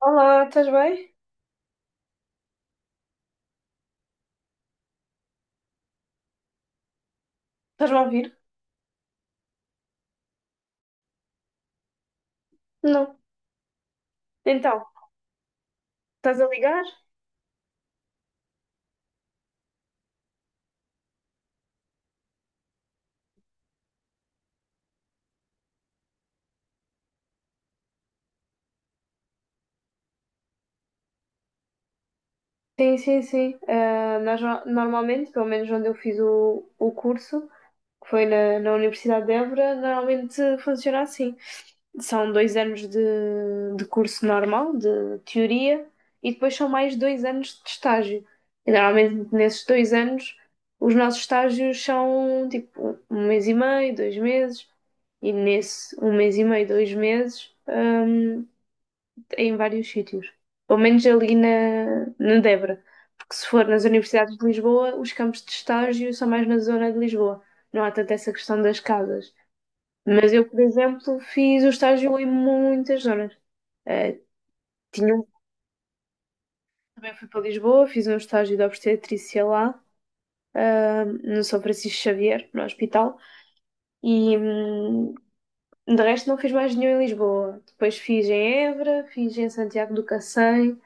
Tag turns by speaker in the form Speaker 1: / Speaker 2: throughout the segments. Speaker 1: Olá, estás bem? Estás-me a ouvir? Não. Então, estás a ligar? Sim, sim, sim. Ah, nós normalmente, pelo menos onde eu fiz o curso, que foi na Universidade de Évora, normalmente funciona assim. São 2 anos de curso normal, de teoria, e depois são mais 2 anos de estágio. E normalmente nesses 2 anos, os nossos estágios são tipo 1 mês e meio, 2 meses, e nesse um mês e meio, dois meses, em vários sítios. Pelo menos ali na Débora. Porque se for nas universidades de Lisboa, os campos de estágio são mais na zona de Lisboa. Não há tanto essa questão das casas. Mas eu, por exemplo, fiz o estágio em muitas zonas. Eh, tinha um- Também fui para Lisboa, fiz um estágio de obstetrícia lá, no São Francisco Xavier, no hospital. E de resto não fiz mais nenhum em Lisboa. Depois fiz em Évora, fiz em Santiago do Cacém,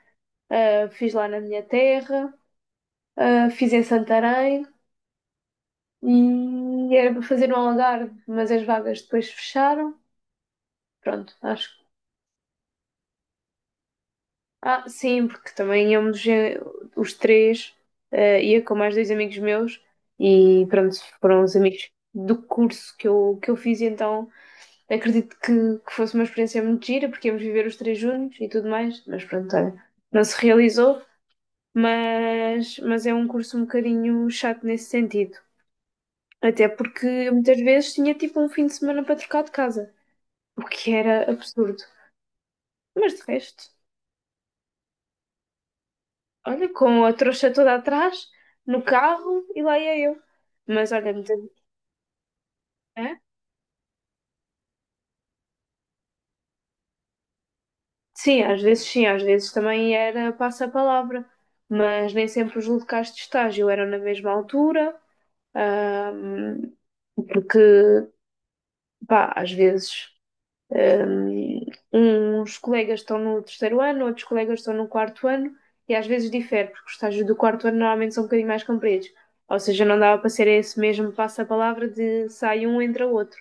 Speaker 1: fiz lá na minha terra. Fiz em Santarém e era para fazer no Algarve, mas as vagas depois fecharam. Pronto, acho que. Ah, sim, porque também íamos os três, ia com mais dois amigos meus e pronto, foram os amigos do curso que eu fiz, e então acredito que fosse uma experiência muito gira, porque íamos viver os três juntos e tudo mais, mas pronto, olha, não se realizou, mas é um curso um bocadinho chato nesse sentido. Até porque eu muitas vezes tinha tipo um fim de semana para trocar de casa, o que era absurdo. Mas de resto, olha, com a trouxa toda atrás, no carro e lá ia eu. Mas olha, muitas é? Sim, às vezes também era passa-palavra, mas nem sempre os locais de estágio eram na mesma altura, ahm, porque, pá, às vezes Um, uns colegas estão no terceiro ano, outros colegas estão no quarto ano, e às vezes difere, porque os estágios do quarto ano normalmente são um bocadinho mais compridos. Ou seja, não dava para ser esse mesmo passa-palavra de sai um, entra outro.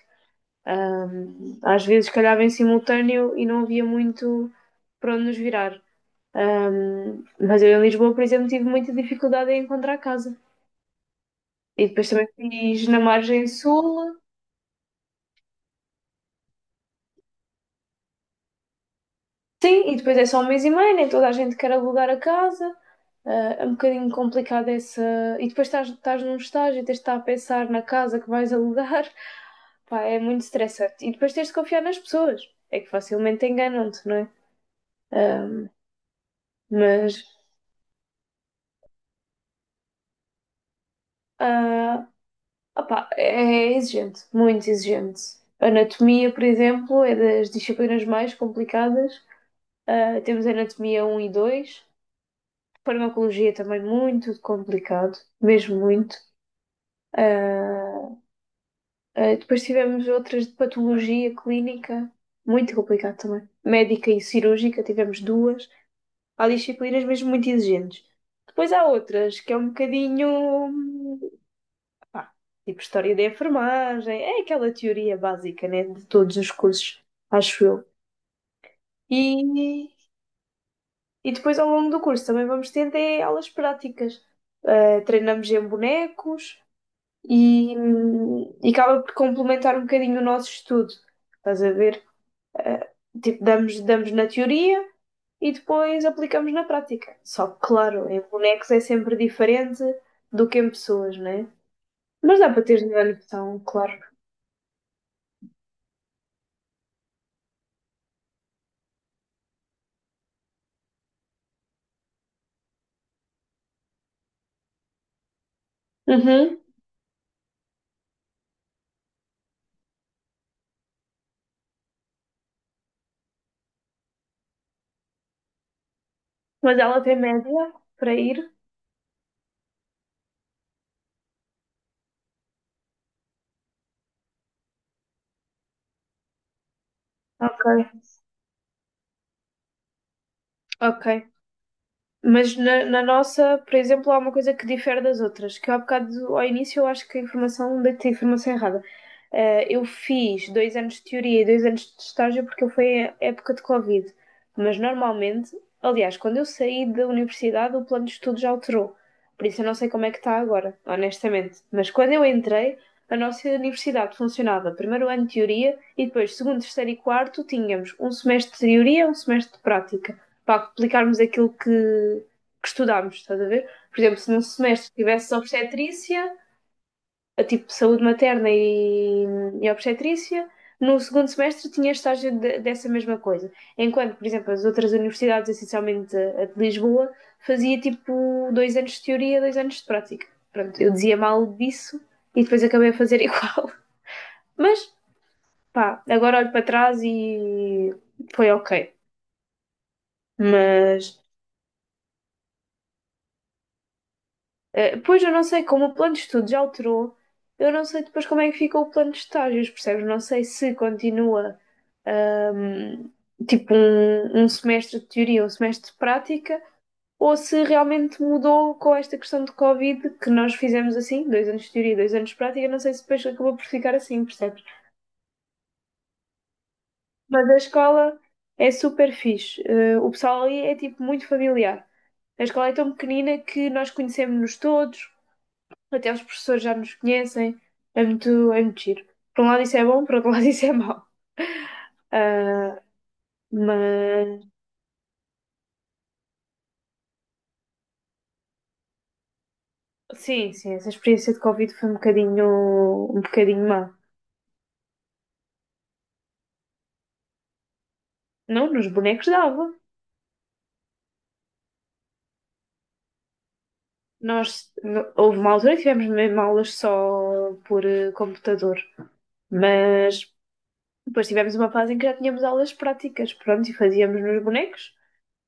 Speaker 1: Às vezes calhava em simultâneo e não havia muito para onde nos virar. Mas eu em Lisboa, por exemplo, tive muita dificuldade em encontrar casa. E depois também fiz na margem sul. Sim, e depois é só um mês e meio, nem toda a gente quer alugar a casa. Ah, é um bocadinho complicado essa. E depois estás num estágio e tens de estar a pensar na casa que vais alugar. Pá, é muito estressante. E depois tens de confiar nas pessoas. É que facilmente enganam-te, não é? Ah, mas. ah Opá, é exigente, muito exigente. Anatomia, por exemplo, é das disciplinas mais complicadas. Ah, temos anatomia um e dois. Farmacologia também muito complicado, mesmo muito. Ah, Depois tivemos outras de patologia clínica, muito complicado também. Médica e cirúrgica, tivemos duas. Há disciplinas mesmo muito exigentes. Depois há outras que é um bocadinho, hum, pá, tipo história da enfermagem, é aquela teoria básica, né, de todos os cursos, acho eu. E, e depois ao longo do curso também vamos tendo aulas práticas. Ah, treinamos em bonecos, e, e acaba por complementar um bocadinho o nosso estudo. Estás a ver? Eh, tipo, damos na teoria e depois aplicamos na prática. Só que, claro, em bonecos é sempre diferente do que em pessoas, né? Mas dá para ter noção, claro. Uhum. Mas ela tem média para ir. Ok. Ok. Mas na nossa, por exemplo, há uma coisa que difere das outras, que eu há bocado, ao início, eu acho que a informação, deitei a informação errada. Eu fiz 2 anos de teoria e 2 anos de estágio porque foi a época de Covid. Mas normalmente, aliás, quando eu saí da universidade, o plano de estudo já alterou. Por isso eu não sei como é que está agora, honestamente. Mas quando eu entrei, a nossa universidade funcionava primeiro ano de teoria e depois segundo, terceiro e quarto tínhamos um semestre de teoria, um semestre de prática para aplicarmos aquilo que estudámos, estás a ver? Por exemplo, se num semestre tivesse obstetrícia, a tipo saúde materna e obstetrícia, no segundo semestre tinha dessa mesma coisa. Enquanto, por exemplo, as outras universidades, essencialmente a, de Lisboa, fazia tipo 2 anos de teoria, 2 anos de prática. Pronto, eu dizia mal disso e depois acabei a fazer igual. Mas, pá, agora olho para trás e foi ok. Mas, pois eu não sei como o plano de estudos já alterou, eu não sei depois como é que fica o plano de estágios, percebes? Não sei se continua ahm, tipo um semestre de teoria, um semestre de prática, ou se realmente mudou com esta questão de Covid que nós fizemos assim, 2 anos de teoria, dois anos de prática, não sei se depois acabou por ficar assim, percebes? Mas a escola é super fixe, o pessoal ali é tipo muito familiar. A escola é tão pequenina que nós conhecemos-nos todos. Até os professores já nos conhecem. É muito giro. Por um lado isso é bom, por outro lado isso é mau. Ah, mas sim, sim, essa experiência de Covid foi um bocadinho má. Não, nos bonecos dava. Nós, houve uma altura que tivemos mesmo aulas só por computador, mas depois tivemos uma fase em que já tínhamos aulas práticas, pronto, e fazíamos nos bonecos.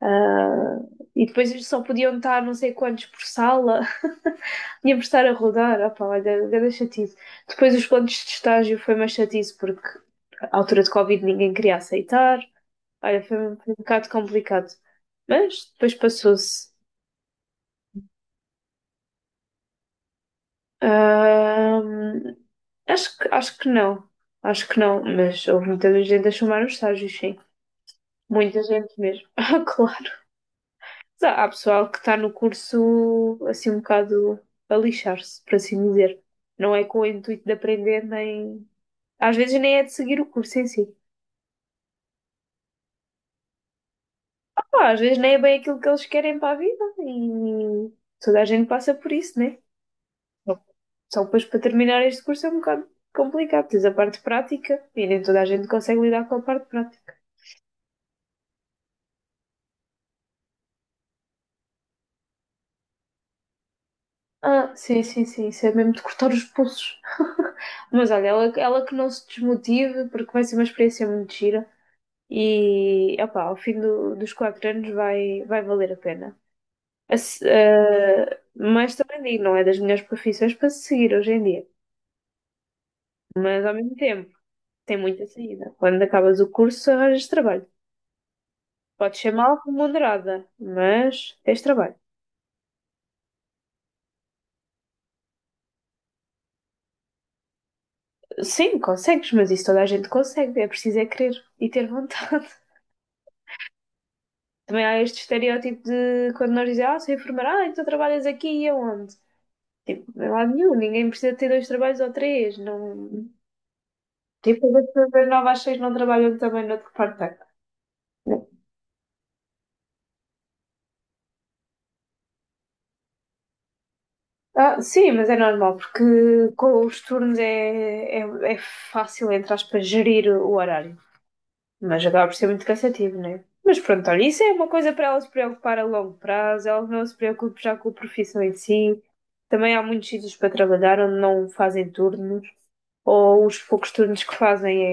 Speaker 1: Ah, e depois eles só podiam estar não sei quantos por sala. Tínhamos de estar a rodar. Opa, olha, grande chatice. Depois os contos de estágio foi mais chatice porque à altura de Covid ninguém queria aceitar. Olha, foi um bocado complicado. Mas depois passou-se. Ah, acho que não. Acho que não, mas houve muita gente a chamar os estágios, sim. Muita gente mesmo. Ah, claro. Mas há pessoal que está no curso assim um bocado a lixar-se, por assim dizer. Não é com o intuito de aprender, nem. Às vezes nem é de seguir o curso em si. Pá, às vezes nem é bem aquilo que eles querem para a vida e toda a gente passa por isso, né? Só depois para terminar este curso é um bocado complicado. Tens a parte prática e nem toda a gente consegue lidar com a parte prática. Ah, sim, sim, sim, isso é mesmo de cortar os pulsos. Mas olha, ela que não se desmotive, porque vai ser uma experiência muito gira. E opá, ao fim dos 4 anos vai valer a pena. A se- eh, mas também digo, não é das melhores profissões para se seguir hoje em dia. Mas ao mesmo tempo, tem muita saída. Quando acabas o curso, arranjas trabalho. Podes ser mal remunerada, mas tens trabalho. Sim, consegues, mas isso toda a gente consegue. É preciso é querer e ter vontade. Também há este estereótipo de quando nós dizemos, ah, sou enfermeira, ah, então trabalhas aqui e aonde? Tipo, não é lado nenhum, ninguém precisa ter dois trabalhos ou três, não. Tipo, as pessoas novas às seis não trabalham também no outro parte da casa. Ah, sim, mas é normal, porque com os turnos é fácil, entre aspas, gerir o horário. Mas acaba por ser muito cansativo, não é? Mas pronto, olha, isso é uma coisa para ela se preocupar a longo prazo, ela não se preocupe já com a profissão em si. Também há muitos sítios para trabalhar onde não fazem turnos, ou os poucos turnos que fazem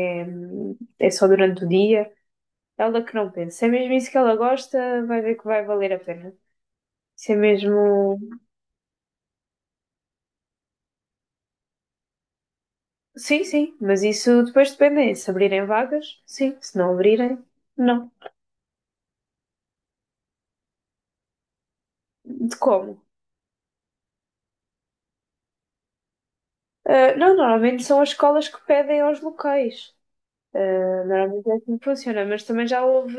Speaker 1: é só durante o dia. Ela que não pensa, se é mesmo isso que ela gosta, vai ver que vai valer a pena. Isso é mesmo. Sim, sim, mas isso depois depende. Se abrirem vagas, sim. Se não abrirem, não. De como? Ah, não, normalmente são as escolas que pedem aos locais. Ah, normalmente é assim que funciona, mas também já houve,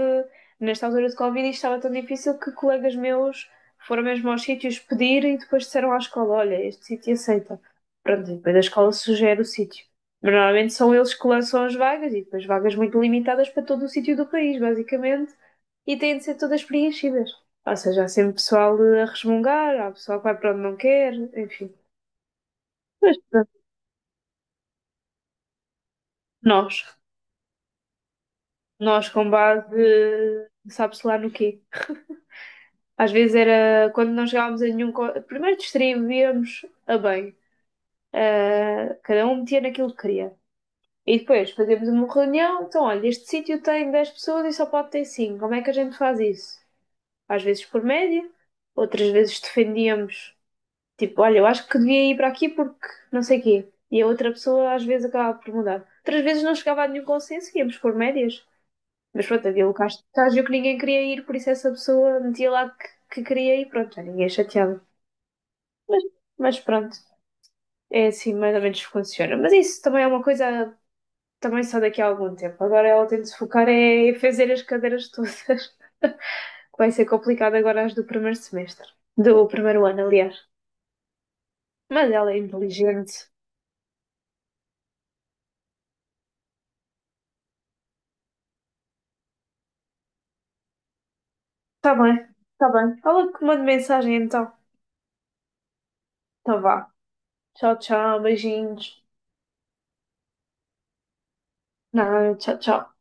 Speaker 1: nesta altura de Covid, isto estava tão difícil que colegas meus foram mesmo aos sítios pedir e depois disseram à escola: Olha, este sítio aceita. Pronto, e depois a escola sugere o sítio. Mas normalmente são eles que lançam as vagas e depois vagas muito limitadas para todo o sítio do país, basicamente e têm de ser todas preenchidas. Ou seja, há sempre pessoal a resmungar, há pessoal que vai para onde não quer, enfim. Mas pronto, nós, nós com base, sabe-se lá no quê. Às vezes era quando não chegávamos a nenhum. Primeiro distribuíamos a bem, cada um metia naquilo que queria. E depois fazíamos uma reunião, então olha, este sítio tem 10 pessoas e só pode ter 5 como é que a gente faz isso? Às vezes por média, outras vezes defendíamos. Tipo, olha, eu acho que devia ir para aqui porque não sei quê. E a outra pessoa às vezes acabava por mudar. Outras vezes não chegava a nenhum consenso e íamos por médias. Mas pronto, havia locais de estágio que ninguém queria ir, por isso essa pessoa metia lá que queria ir, pronto, já ninguém chateava. Mas, mas pronto, é assim mais ou menos que funciona. Mas isso também é uma coisa também só daqui a algum tempo. Agora ela tem de se focar é em fazer as cadeiras todas, que vai ser complicado agora as do primeiro semestre. Do primeiro ano, aliás. Mas ela é inteligente. Tá bem, tá bem. Fala que manda mensagem então. Tá vá. Tchau, tchau, beijinhos. Não, tchau, tchau.